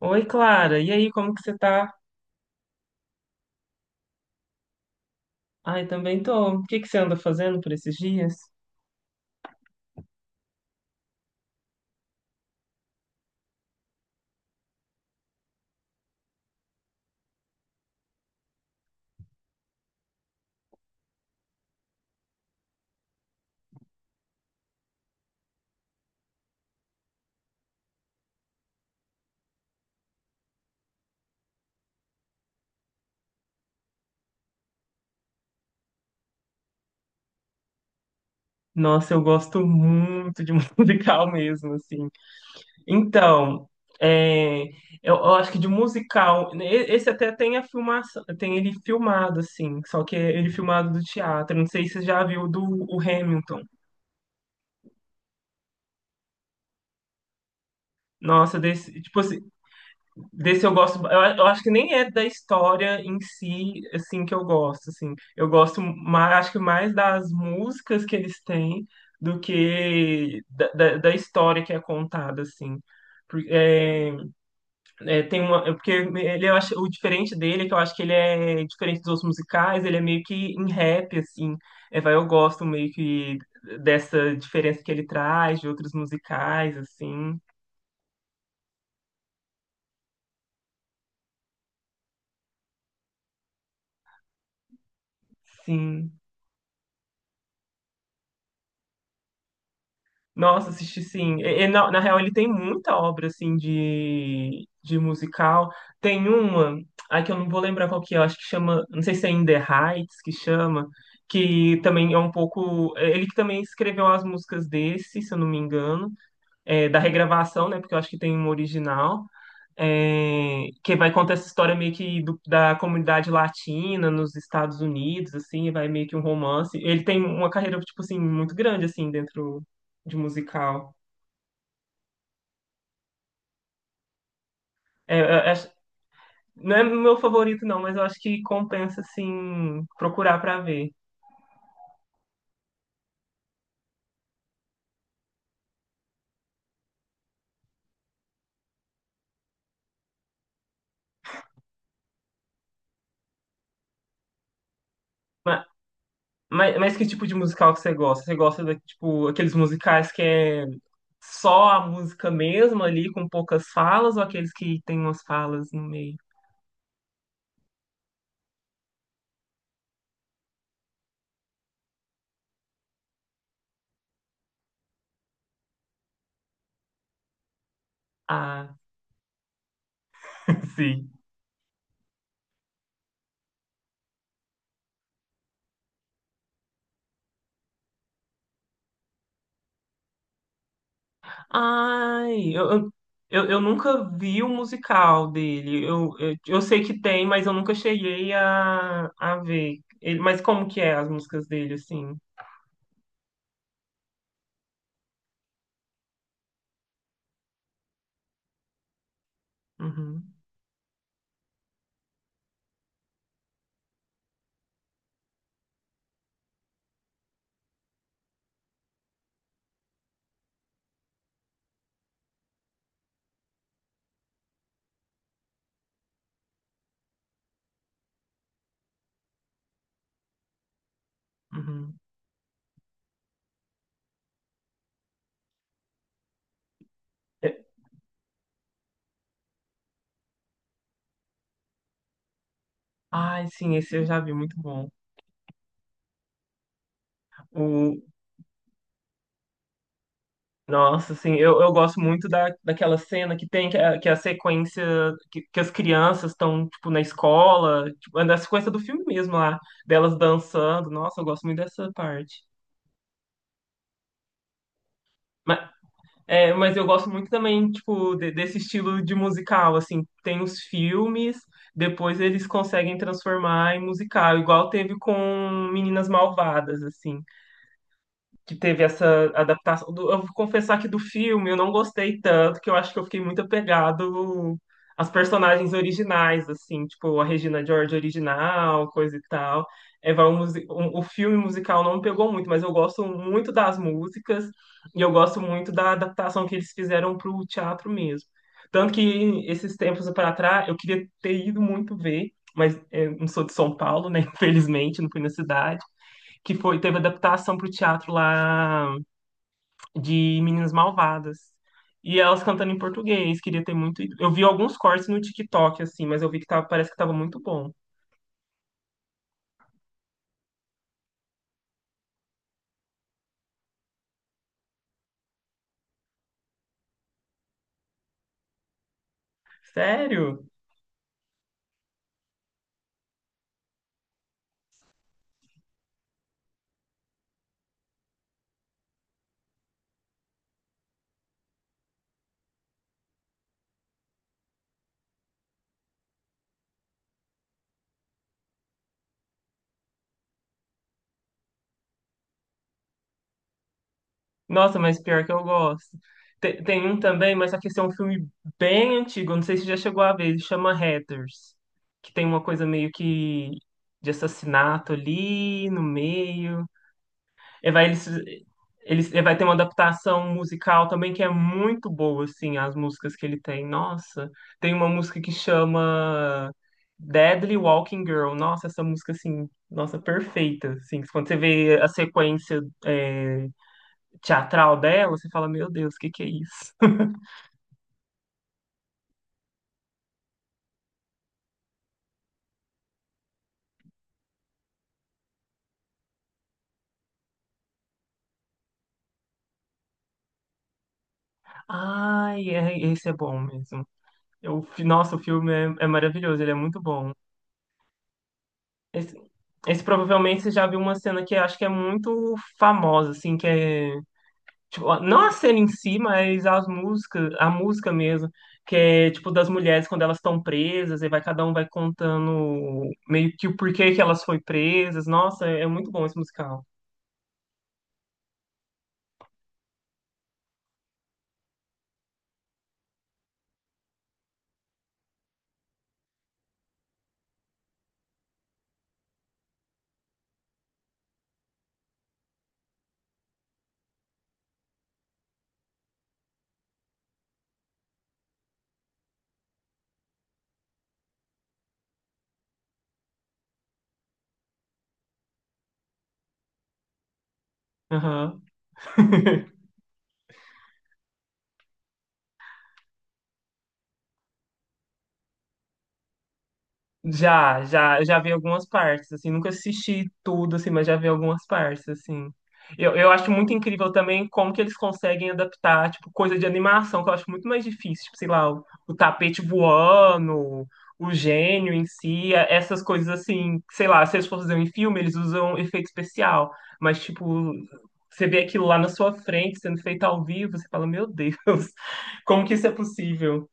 Oi, Clara. E aí, como que você tá? Ai, também tô. O que que você anda fazendo por esses dias? Nossa, eu gosto muito de musical mesmo, assim. Então, é, eu acho que de musical, né, esse até tem a filmação, tem ele filmado, assim, só que é ele filmado do teatro. Não sei se você já viu do o Hamilton. Nossa, desse, tipo, assim, desse eu gosto, eu acho que nem é da história em si, assim, que eu gosto, assim. Eu gosto mais, acho que mais das músicas que eles têm do que da história que é contada, assim. Por- é, tem uma, é porque ele, eu acho, o diferente dele é que eu acho que ele é diferente dos outros musicais, ele é meio que em rap, assim. É, vai, eu gosto meio que dessa diferença que ele traz de outros musicais, assim. Sim. Nossa, assisti sim. E na real, ele tem muita obra assim de musical. Tem uma, ai que eu não vou lembrar qual que é, eu acho que chama, não sei se é In The Heights que chama, que também é um pouco. Ele que também escreveu as músicas desse, se eu não me engano, da regravação, né? Porque eu acho que tem uma original, que vai contar essa história meio que da comunidade latina nos Estados Unidos, assim, vai meio que um romance. Ele tem uma carreira, tipo assim, muito grande, assim, dentro de musical. É, é, é- não é meu favorito, não, mas eu acho que compensa, assim, procurar pra ver. Ma- mas que tipo de musical que você gosta? Você gosta, da, tipo, aqueles musicais que é só a música mesmo ali, com poucas falas, ou aqueles que tem umas falas no meio? Ah, sim. Ai, eu eu nunca vi o musical dele. Eu sei que tem, mas eu nunca cheguei a ver. Ele, mas como que é as músicas dele, assim? Uhum, uhum. É- Ai, sim, esse eu já vi, muito bom. O, nossa, assim, eu gosto muito daquela cena que tem, que é a sequência que as crianças estão, tipo, na escola, tipo, é da sequência do filme mesmo lá, delas dançando. Nossa, eu gosto muito dessa parte. É, mas eu gosto muito também, tipo, desse estilo de musical, assim, tem os filmes, depois eles conseguem transformar em musical, igual teve com Meninas Malvadas, assim que teve essa adaptação. Eu vou confessar que do filme eu não gostei tanto, que eu acho que eu fiquei muito apegado às personagens originais, assim, tipo a Regina George original, coisa e tal. É, vai o filme musical não me pegou muito, mas eu gosto muito das músicas e eu gosto muito da adaptação que eles fizeram para o teatro mesmo. Tanto que esses tempos para trás eu queria ter ido muito ver, mas é, não sou de São Paulo, né? Infelizmente, não fui na cidade que foi, teve adaptação para o teatro lá de Meninas Malvadas. E elas cantando em português, queria ter muito. Ido. Eu vi alguns cortes no TikTok, assim, mas eu vi que tava, parece que tava muito bom. Sério? Nossa, mas pior que eu gosto. Tem, um também, mas só que esse é um filme bem antigo, eu não sei se já chegou a ver, ele chama Hatters, que tem uma coisa meio que de assassinato ali no meio. E vai, e vai ter uma adaptação musical também que é muito boa, assim, as músicas que ele tem. Nossa, tem uma música que chama Deadly Walking Girl. Nossa, essa música, assim, nossa, perfeita, assim. Quando você vê a sequência, é, teatral dela, você fala, meu Deus, o que que é isso? Ai, é, esse é bom mesmo. Nossa, o filme é maravilhoso, ele é muito bom. Esse, esse provavelmente você já viu uma cena que acho que é muito famosa, assim, que é. Tipo, não a cena em si, mas as músicas, a música mesmo, que é tipo das mulheres quando elas estão presas, e vai cada um vai contando meio que o porquê que elas foi presas. Nossa, é muito bom esse musical. Aham. Já, já, eu já vi algumas partes, assim, nunca assisti tudo, assim, mas já vi algumas partes, assim. Eu acho muito incrível também como que eles conseguem adaptar, tipo, coisa de animação, que eu acho muito mais difícil, tipo, sei lá, o tapete voando, o gênio em si, essas coisas assim, que, sei lá, se eles for fazer em filme, eles usam efeito especial, mas, tipo, você vê aquilo lá na sua frente, sendo feito ao vivo, você fala, meu Deus, como que isso é possível?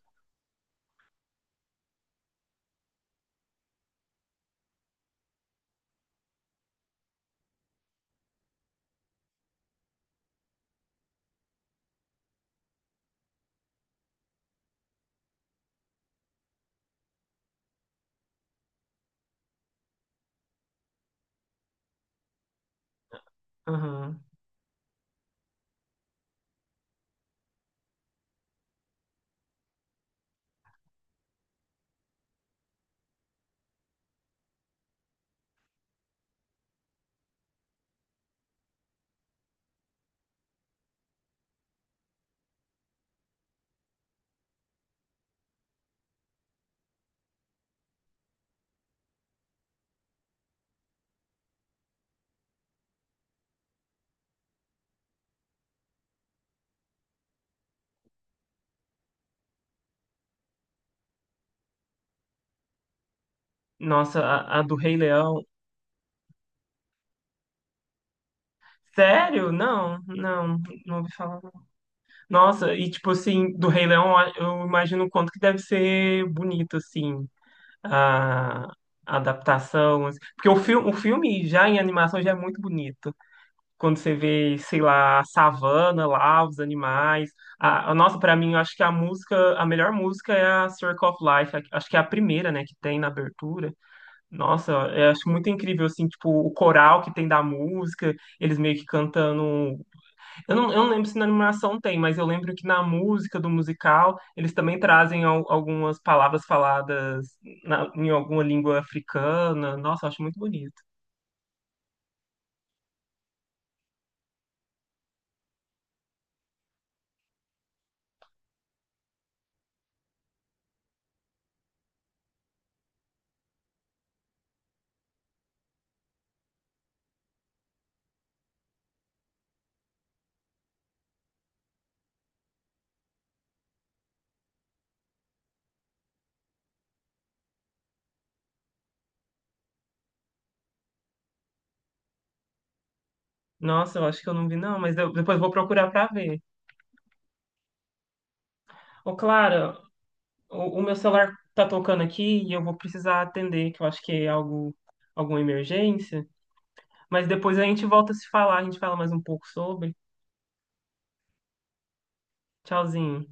Aham. Nossa, a do Rei Leão. Sério? Não, não ouvi falar. Nossa, e tipo assim, do Rei Leão, eu imagino o quanto que deve ser bonito, assim, a adaptação. Assim. Porque o filme já em animação já é muito bonito. Quando você vê, sei lá, a savana lá, os animais. Nossa, pra mim, eu acho que a música, a melhor música é a Circle of Life. Acho que é a primeira, né, que tem na abertura. Nossa, eu acho muito incrível, assim, tipo, o coral que tem da música eles meio que cantando eu não lembro se na animação tem, mas eu lembro que na música do musical eles também trazem algumas palavras faladas em alguma língua africana. Nossa, eu acho muito bonito. Nossa, eu acho que eu não vi, não, depois eu vou procurar pra ver. Ô, Clara, o meu celular tá tocando aqui e eu vou precisar atender, que eu acho que é algo, alguma emergência. Mas depois a gente volta a se falar, a gente fala mais um pouco sobre. Tchauzinho.